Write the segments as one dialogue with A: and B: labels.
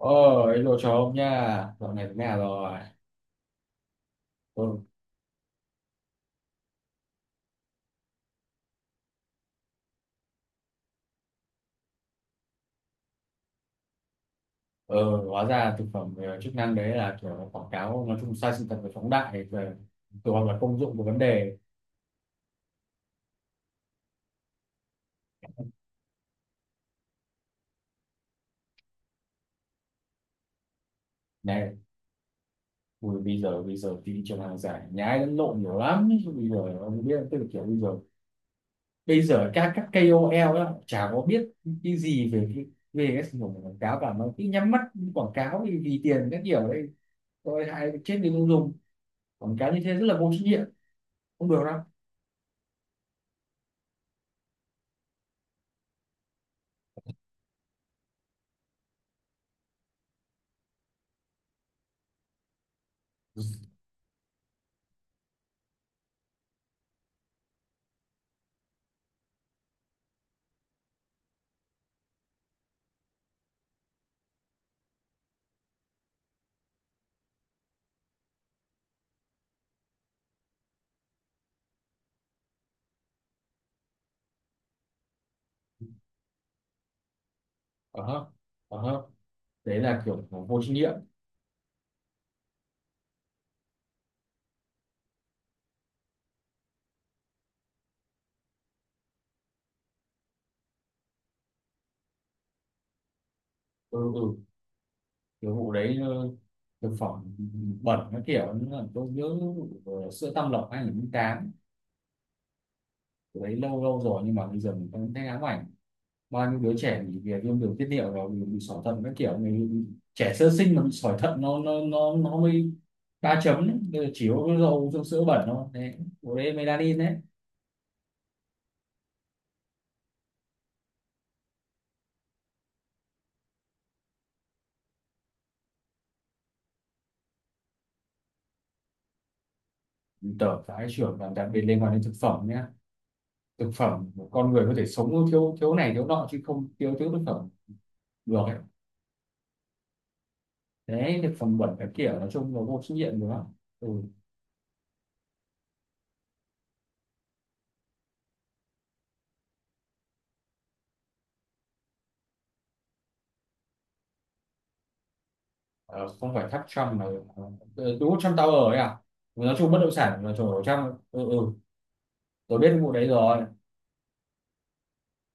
A: Ôi, đồ chó ông nha, dạo này thế nào rồi? Ừ, ừ, hóa ra thực phẩm chức năng đấy là kiểu quảng cáo nói chung sai sự thật và phóng đại về kiểu hoặc là công dụng của vấn đề này. Ui, bây giờ thị trường hàng giả nhái lẫn lộn nhiều lắm. Bây giờ ông biết, tức là kiểu bây giờ các KOL đó, chả có biết cái gì về cái sản phẩm của quảng cáo cả, mà cứ nhắm mắt quảng cáo vì tiền các kiểu đấy. Tôi hại chết người tiêu dùng. Quảng cáo như thế rất là vô trách nhiệm, không được đâu. Ờ hả? Ờ hả? Đấy là kiểu vô trách nhiệm. Ừ, ừ, kiểu vụ đấy thực phẩm bẩn nó kiểu như, tôi nhớ vụ sữa Tam Lộc 2008. Cái đấy lâu lâu rồi nhưng mà bây giờ mình vẫn thấy ám ảnh, bao nhiêu đứa trẻ bị về viêm đường tiết niệu, rồi bị sỏi thận các kiểu, người trẻ sơ sinh mà bị sỏi thận nó mới ba chấm đấy. Bây giờ chỉ có cái dầu trong sữa bẩn thôi đấy, bộ đấy melanin đấy, tờ phải trưởng và đặc biệt liên quan đến thực phẩm nhé. Thực phẩm con người có thể sống thiếu thiếu này thiếu nọ chứ không thiếu thiếu thực phẩm được. Đấy cái phòng bệnh cái kiểu nói chung là vô trách nhiệm nữa. Ừ. Ờ, không phải tháp Trump mà, ừ, đúng Trump Tower ấy à. Ừ, nói chung bất động sản là chỗ trong, ừ, ừ, tôi biết cái vụ đấy rồi.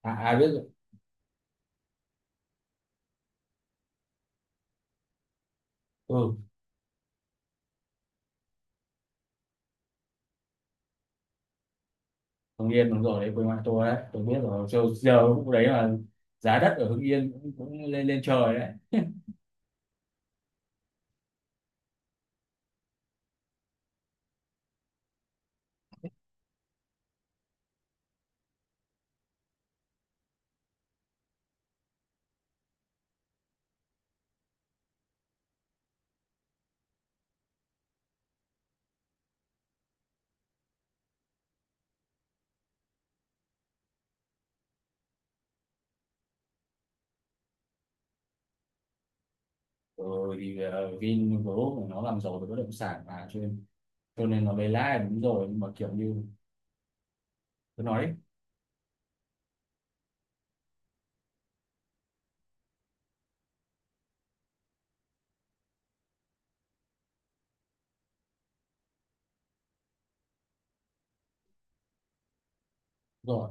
A: À, ai biết rồi. Ừ, Hưng Yên đúng rồi đấy, quê ngoại tôi đấy, tôi biết rồi. Giờ vụ đấy là giá đất ở Hưng Yên cũng lên lên trời đấy. Ừ, thì Vingroup nó làm giàu về bất động sản mà cho nên nó lấy lãi là đúng rồi, nhưng mà kiểu như tôi nói đấy, rồi.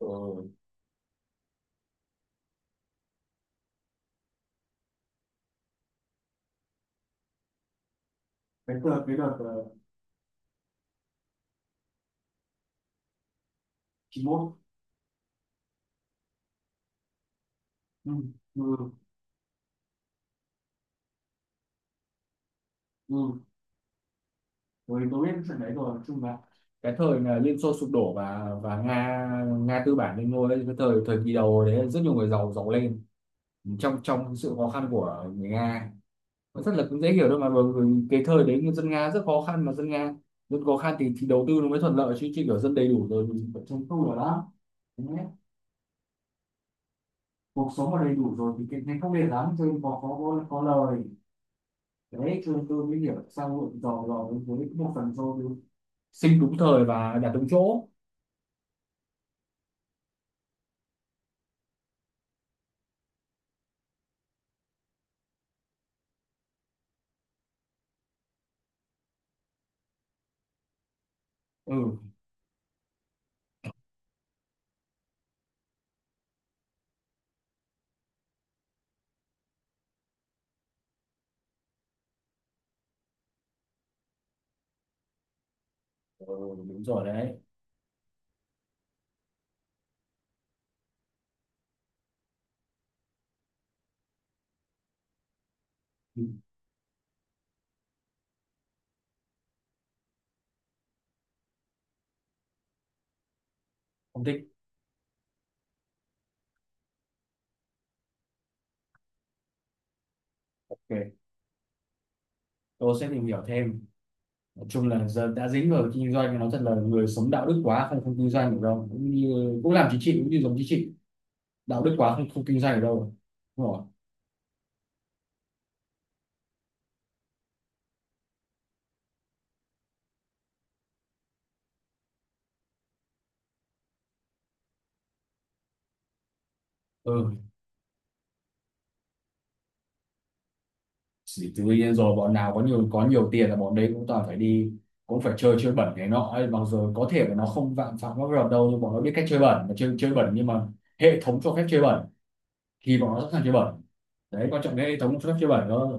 A: Ừ. cái đợt chín 91. Ừ. Ừ. Ừ, tôi biết trận đấy rồi, nói chung là cái thời là Liên Xô sụp đổ và Nga, Nga tư bản lên ngôi ấy, cái thời thời kỳ đầu đấy rất nhiều người giàu giàu lên trong trong sự khó khăn của người Nga. Nó rất là cũng dễ hiểu thôi mà, bởi vì cái thời đấy dân Nga rất khó khăn, mà dân Nga dân khó khăn thì đầu tư nó mới thuận lợi chứ chứ kiểu dân đầy đủ rồi thì vẫn chống tu được đó. Thế nhé. Cuộc sống mà đầy đủ rồi thì cái này không đẹp lắm, cho nên có lời đấy, cho nên tôi mới hiểu tại sao hội giàu giàu với một phần do tôi sinh đúng thời và đạt đúng chỗ. Ừ, ừ, đúng rồi đấy. Ừ, không thích. Ok, tôi sẽ tìm hiểu thêm. Nói chung là giờ đã dính vào kinh doanh thì nó thật là người sống đạo đức quá không, không kinh doanh được đâu, cũng như cũng làm chính trị, cũng như giống chính trị đạo đức quá không, không kinh doanh được đâu. Đúng rồi. Ừ, thì tự nhiên rồi, bọn nào có nhiều tiền là bọn đấy cũng toàn phải đi, cũng phải chơi chơi bẩn này nọ ấy, mặc dù có thể là nó không phạm phạm pháp luật đâu, nhưng bọn nó biết cách chơi bẩn, mà chơi chơi bẩn, nhưng mà hệ thống cho phép chơi bẩn thì bọn nó sẵn sàng chơi bẩn. Đấy quan trọng cái hệ thống cho phép chơi bẩn thôi.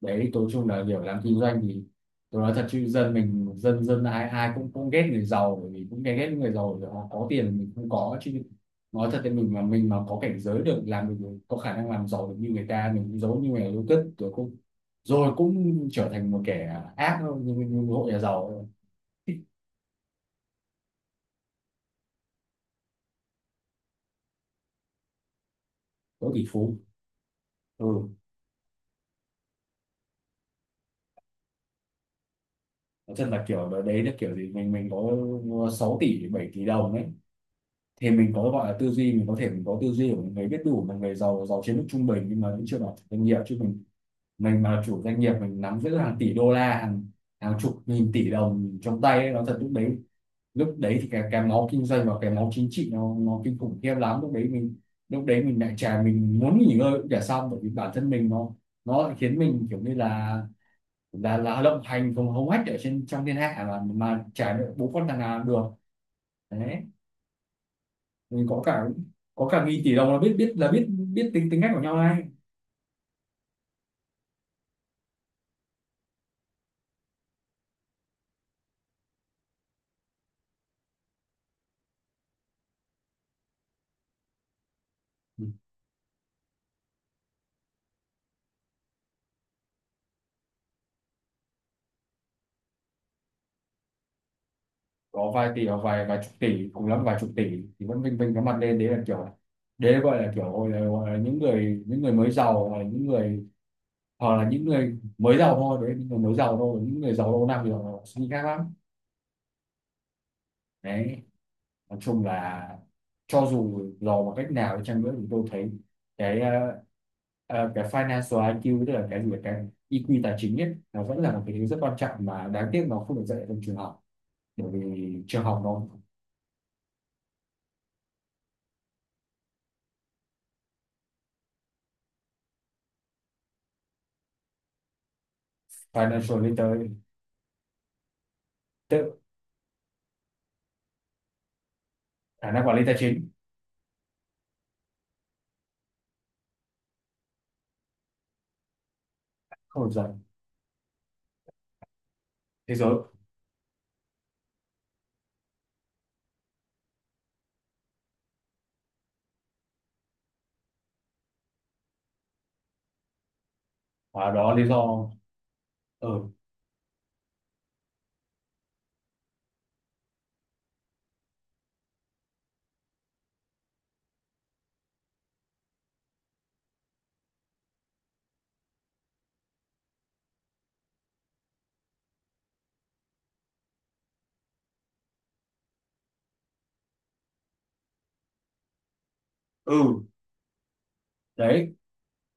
A: Đấy tối chung là kiểu làm kinh doanh thì, tôi nói thật chứ dân mình, dân dân ai ai cũng cũng ghét người giàu, bởi vì cũng ghét ghét những người giàu vì họ có tiền mình không có chứ. Nói thật thì mình mà có cảnh giới được làm được có khả năng làm giàu được như người ta, mình cũng giống như người yêu cất rồi cũng trở thành một kẻ ác thôi, như một hộ nhà giàu có tỷ phú. Ừ, nói thật là kiểu đấy là kiểu gì, mình có 6 tỷ 7 tỷ đồng đấy, thì mình có gọi là tư duy, mình có thể mình có tư duy của một người biết đủ, một người giàu giàu trên mức trung bình, nhưng mà vẫn chưa bảo chủ doanh nghiệp chứ mình mà chủ doanh nghiệp, mình nắm giữ hàng tỷ đô la, hàng hàng chục nghìn tỷ đồng trong tay ấy, nó thật lúc đấy, lúc đấy thì cái máu kinh doanh và cái máu chính trị nó kinh khủng khiếp lắm. Lúc đấy mình, lúc đấy mình lại chả, mình muốn nghỉ ngơi cũng chả xong, bởi vì bản thân mình nó lại khiến mình kiểu như là lộng hành không hống hách ở trên trong thiên hạ, mà chả được, bố con thằng nào được. Đấy. Ừ, có cả nghìn tỷ đồng là biết, biết là biết, biết tính tính cách của nhau ngay. Ừ. Có vài tỷ hoặc vài vài chục tỷ cùng lắm vài chục tỷ thì vẫn vinh vinh cái mặt lên, đấy là kiểu, đấy gọi là kiểu là, gọi là những người mới giàu hoặc là những người mới giàu thôi, đấy những người mới giàu thôi, những người giàu lâu năm thì họ suy nghĩ khác lắm. Đấy, nói chung là cho dù dò bằng cách nào đi chăng nữa thì tôi thấy cái, cái financial IQ tức là cái gì là cái EQ tài chính ấy, nó vẫn là một cái thứ rất quan trọng mà đáng tiếc nó không được dạy ở trong trường học. Bởi vì trường học nó financial literacy tự khả năng quản lý tài chính không được dạy thế giới, và đó là lý do. Ừ, ừ. Đấy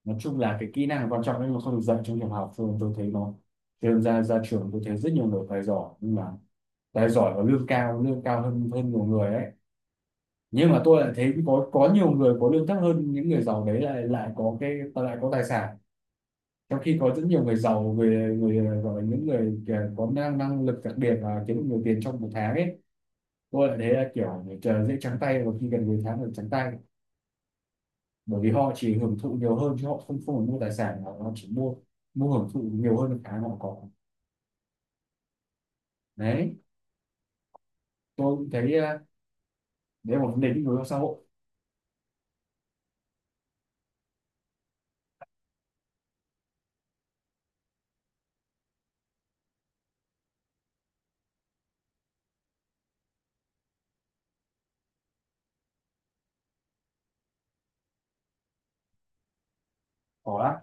A: nói chung là cái kỹ năng là quan trọng nhưng mà không được dạy trong trường học, cho nên tôi thấy nó, cho nên ra ra trường tôi thấy rất nhiều người phải giỏi nhưng mà, đấy giỏi và lương cao hơn hơn nhiều người ấy, nhưng mà tôi lại thấy có nhiều người có lương thấp hơn những người giàu đấy lại lại có cái lại có tài sản, trong khi có rất nhiều người giàu, người người gọi là những người kìa có năng năng lực đặc biệt và kiếm được nhiều tiền trong một tháng ấy. Tôi lại thấy là kiểu người chờ dễ trắng tay và khi gần cuối tháng được trắng tay, bởi vì họ chỉ hưởng thụ nhiều hơn chứ họ không, không phải mua tài sản mà họ chỉ mua mua hưởng thụ nhiều hơn cái họ có. Đấy tôi cũng thấy đấy là một vấn đề định hướng xã hội. Có lắm,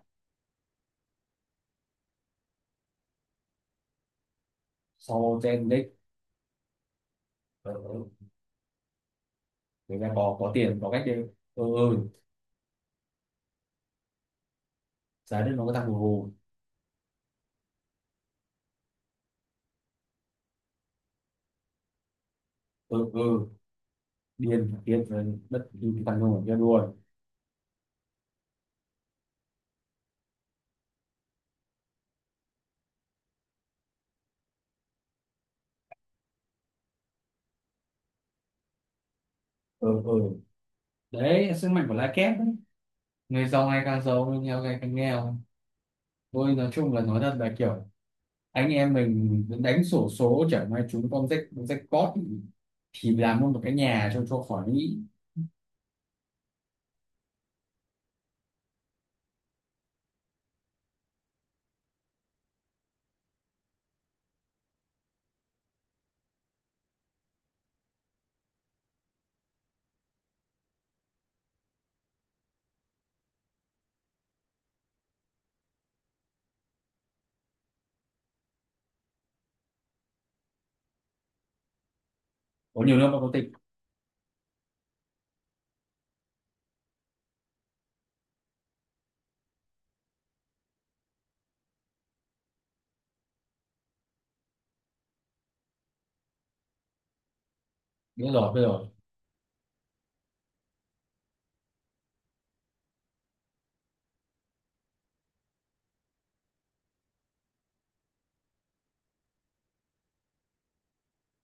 A: sau Gen Z người ta có tiền có cách đấy. Ừ, ừ, giá đất nó có tăng hù hù. Ừ, ừ, điên điên rồi, đất đi cái thằng ngu cho đuôi. Ừ, ừ, đấy là sức mạnh của lá kép đấy, người giàu ngày càng giàu, người nghèo ngày càng nghèo. Tôi nói chung là nói thật là kiểu anh em mình đánh xổ số chẳng may chúng con rách rách cót thì làm luôn một cái nhà cho khỏi nghĩ. Có nhiều nơi mà có tịch. Biết rồi, biết rồi.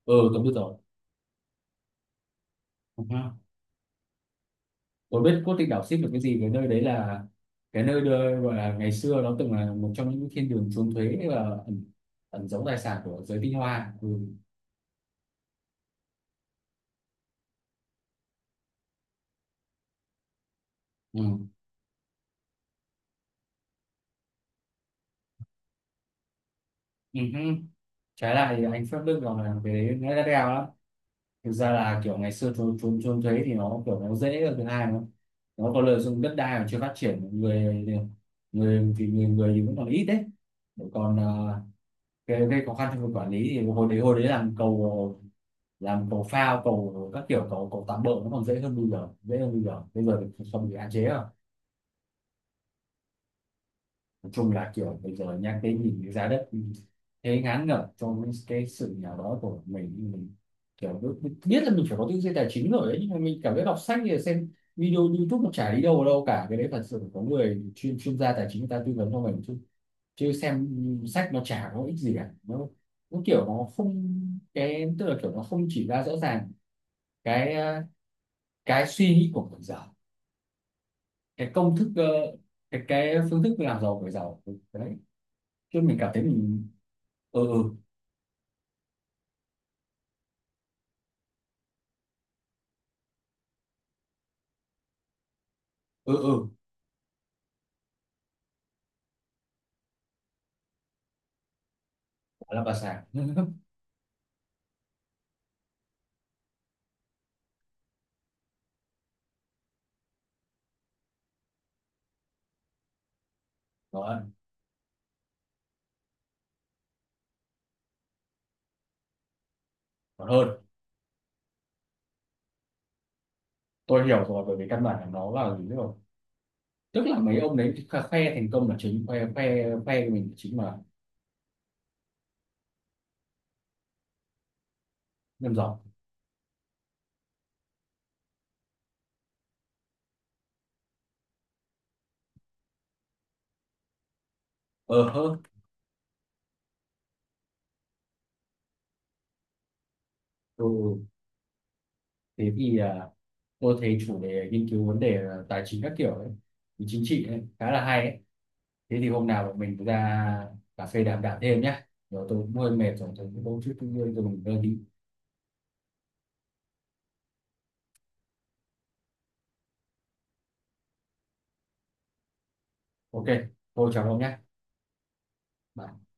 A: Ừ, tôi biết rồi. Tôi biết cốt tinh đảo ship được cái gì, cái nơi đấy là cái nơi đưa, gọi là ngày xưa nó từng là một trong những thiên đường trốn thuế và ẩn, ẩn giấu tài sản của giới tinh hoa. Ừ. Ừ. Ừ. Hứ. Trái lại thì anh Pháp Đức còn là cái đấy nó đắt đeo lắm. Thực ra là kiểu ngày xưa trốn trốn trốn thuế thì nó kiểu nó dễ hơn, thứ hai nó có lợi dụng đất đai mà chưa phát triển, người người thì vẫn còn ít đấy, còn gây khó khăn trong việc quản lý thì hồi đấy làm cầu phao cầu các kiểu cầu cầu tạm bỡ nó còn dễ hơn bây giờ. Bây giờ thì không bị hạn chế rồi. Nói chung là kiểu bây giờ nhắc cái nhìn cái giá đất thế ngán ngẩm trong cái sự nghèo đó của mình kiểu biết, biết biết là mình phải có tư duy tài chính rồi đấy, nhưng mà mình cảm thấy đọc sách thì xem video YouTube nó chả đi đâu vào đâu cả, cái đấy thật sự phải có người chuyên chuyên gia tài chính người ta tư vấn cho mình chứ, chứ xem sách nó chả có ích gì cả, nó kiểu nó không, cái tức là kiểu nó không chỉ ra rõ ràng cái, cái suy nghĩ của người giàu, cái công thức, cái phương thức làm giàu của người giàu đấy, chứ mình cảm thấy mình, ừ, ừ, ừ, ừ, gọi là bà xã. Nó còn hơn. Tôi hiểu rồi, bởi vì căn bản là nó là gì rồi, tức là mấy ông đấy khoe thành công là chính, khoe khoe khoe mình là chính mà, nhân giàu. Ờ hơ. Ừ, ừ. Thế thì à, tôi thấy chủ đề nghiên cứu vấn đề tài chính các kiểu ấy thì chính trị ấy, khá là hay ấy. Thế thì hôm nào bọn mình ra cà phê đàm đạo thêm nhé, rồi tôi cũng hơi mệt rồi tôi cũng đôi chút, tôi mình đi. Ok, thôi chào ông nhé. Bye.